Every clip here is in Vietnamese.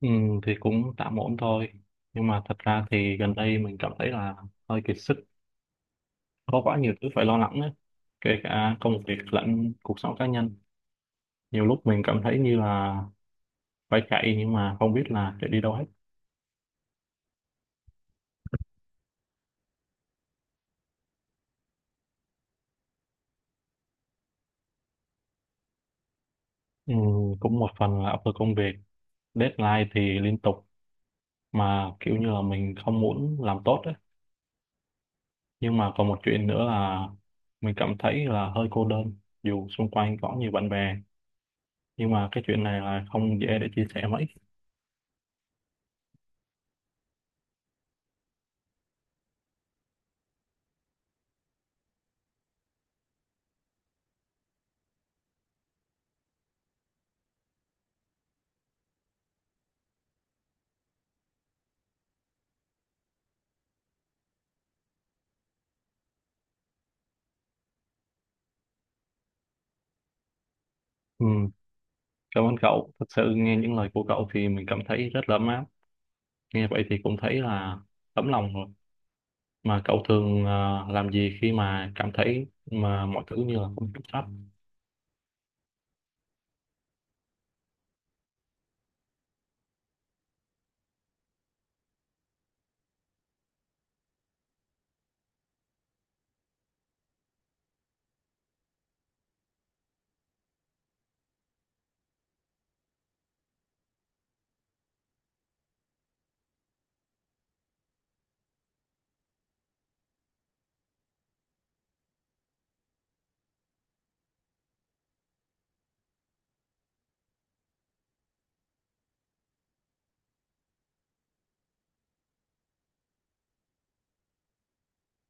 Ừ, thì cũng tạm ổn thôi, nhưng mà thật ra thì gần đây mình cảm thấy là hơi kiệt sức, có quá nhiều thứ phải lo lắng ấy. Kể cả công việc lẫn cuộc sống cá nhân, nhiều lúc mình cảm thấy như là phải chạy nhưng mà không biết là chạy đi đâu hết. Ừ, cũng một phần là áp lực công việc, deadline thì liên tục, mà kiểu như là mình không muốn làm tốt ấy. Nhưng mà còn một chuyện nữa là mình cảm thấy là hơi cô đơn, dù xung quanh có nhiều bạn bè nhưng mà cái chuyện này là không dễ để chia sẻ mấy. Ừ, cảm ơn cậu. Thật sự nghe những lời của cậu thì mình cảm thấy rất là ấm áp. Nghe vậy thì cũng thấy là tấm lòng rồi. Mà cậu thường làm gì khi mà cảm thấy mà mọi thứ như là không kiểm soát?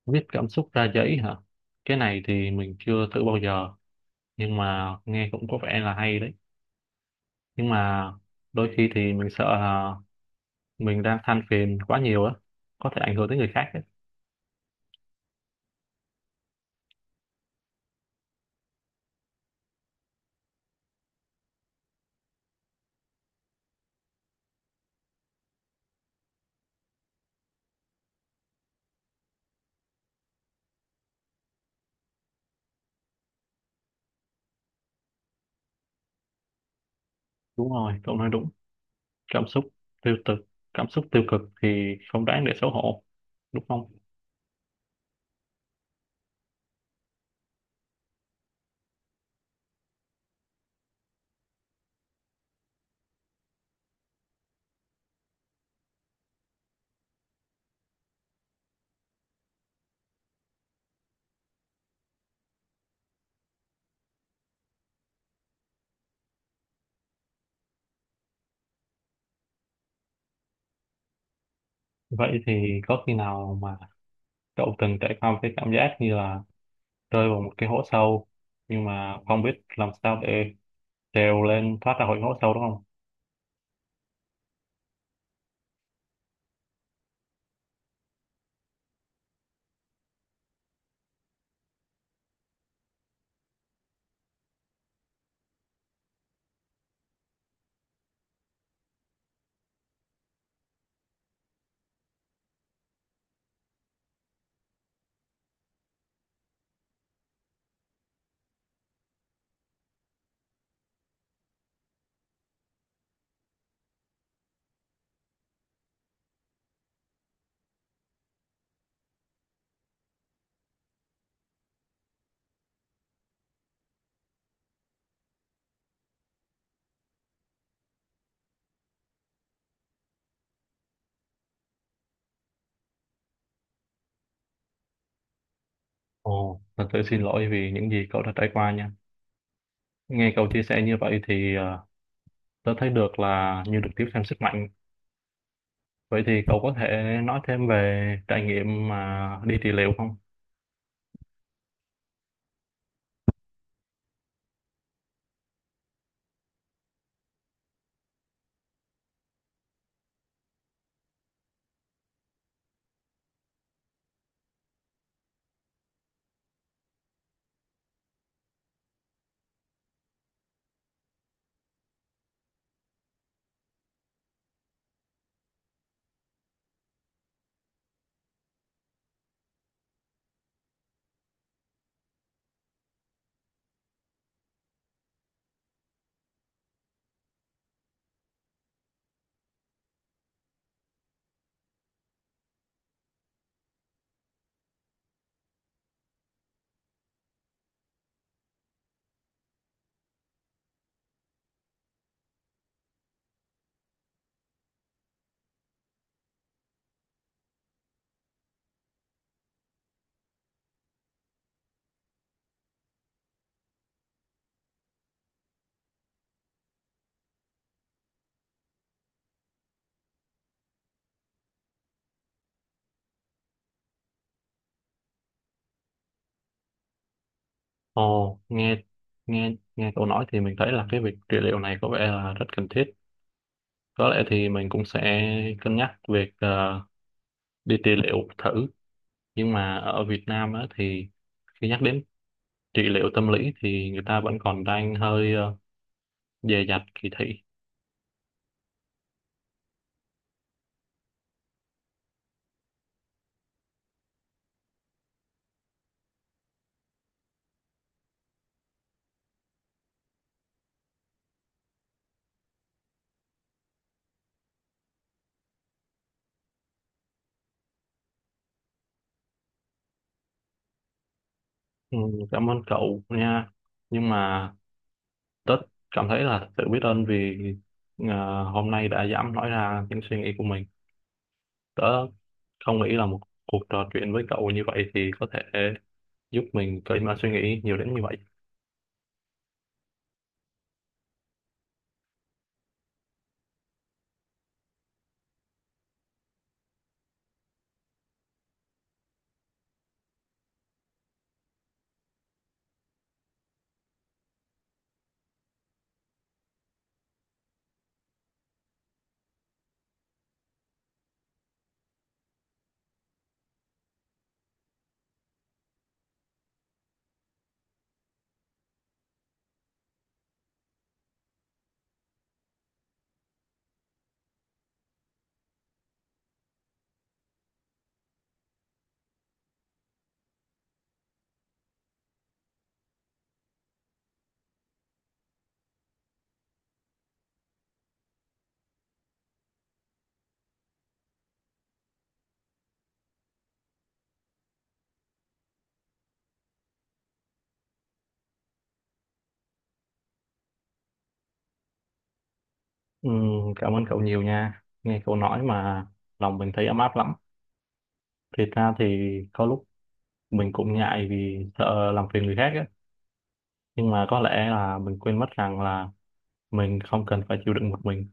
Viết cảm xúc ra giấy hả? Cái này thì mình chưa thử bao giờ, nhưng mà nghe cũng có vẻ là hay đấy. Nhưng mà đôi khi thì mình sợ là mình đang than phiền quá nhiều á, có thể ảnh hưởng tới người khác đấy. Đúng rồi, cậu nói đúng. Cảm xúc tiêu cực, cảm xúc tiêu cực thì không đáng để xấu hổ, đúng không? Vậy thì có khi nào mà cậu từng trải qua một cái cảm giác như là rơi vào một cái hố sâu nhưng mà không biết làm sao để trèo lên thoát ra khỏi hố sâu, đúng không? Ồ, thật sự xin lỗi vì những gì cậu đã trải qua nha. Nghe cậu chia sẻ như vậy thì tớ thấy được là như được tiếp thêm sức mạnh. Vậy thì cậu có thể nói thêm về trải nghiệm mà đi trị liệu không? Ồ, nghe nghe nghe cậu nói thì mình thấy là cái việc trị liệu này có vẻ là rất cần thiết. Có lẽ thì mình cũng sẽ cân nhắc việc đi trị liệu thử, nhưng mà ở Việt Nam á, thì khi nhắc đến trị liệu tâm lý thì người ta vẫn còn đang hơi dè dặt, kỳ thị. Ừ, cảm ơn cậu nha, nhưng mà tớ cảm thấy là sự biết ơn vì hôm nay đã dám nói ra những suy nghĩ của mình. Tớ không nghĩ là một cuộc trò chuyện với cậu như vậy thì có thể giúp mình cởi mở suy nghĩ nhiều đến như vậy. Ừ, cảm ơn cậu nhiều nha, nghe cậu nói mà lòng mình thấy ấm áp lắm. Thiệt ra thì có lúc mình cũng ngại vì sợ làm phiền người khác á, nhưng mà có lẽ là mình quên mất rằng là mình không cần phải chịu đựng một mình.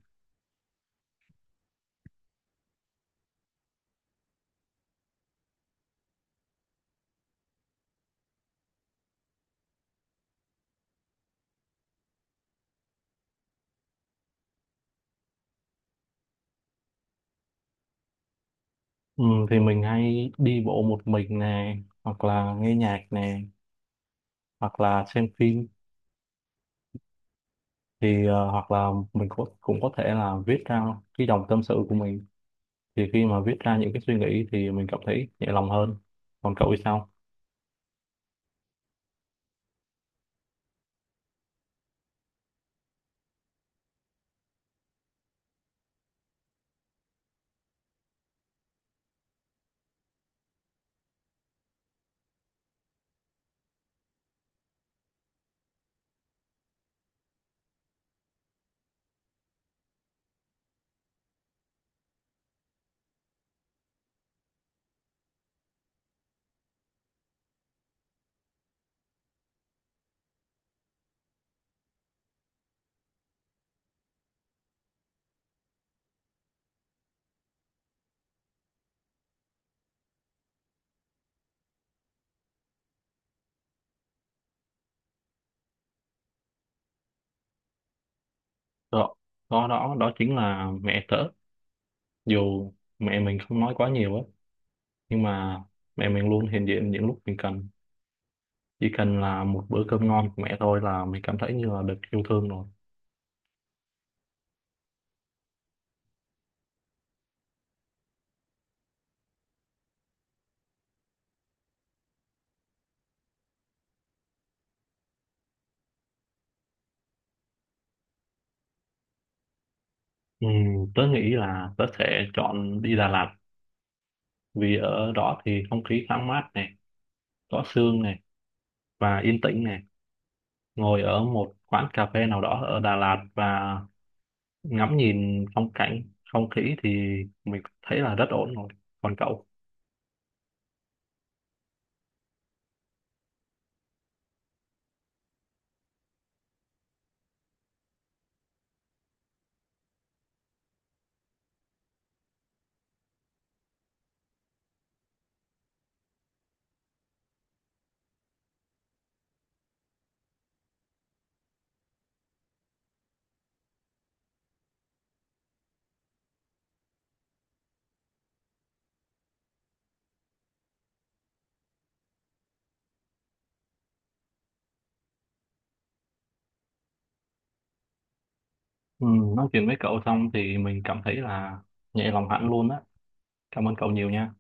Ừ, thì mình hay đi bộ một mình nè, hoặc là nghe nhạc nè, hoặc là xem phim, thì hoặc là mình cũng cũng có thể là viết ra cái dòng tâm sự của mình. Thì khi mà viết ra những cái suy nghĩ thì mình cảm thấy nhẹ lòng hơn. Còn cậu thì sao? Đó đó đó đó chính là mẹ tớ. Dù mẹ mình không nói quá nhiều á, nhưng mà mẹ mình luôn hiện diện những lúc mình cần. Chỉ cần là một bữa cơm ngon của mẹ thôi là mình cảm thấy như là được yêu thương rồi. Ừ, tớ nghĩ là tớ sẽ chọn đi Đà Lạt, vì ở đó thì không khí thoáng mát này, có sương này, và yên tĩnh này. Ngồi ở một quán cà phê nào đó ở Đà Lạt và ngắm nhìn phong cảnh, không khí thì mình thấy là rất ổn rồi. Còn cậu? Ừ, nói chuyện với cậu xong thì mình cảm thấy là nhẹ lòng hẳn luôn á. Cảm ơn cậu nhiều nha.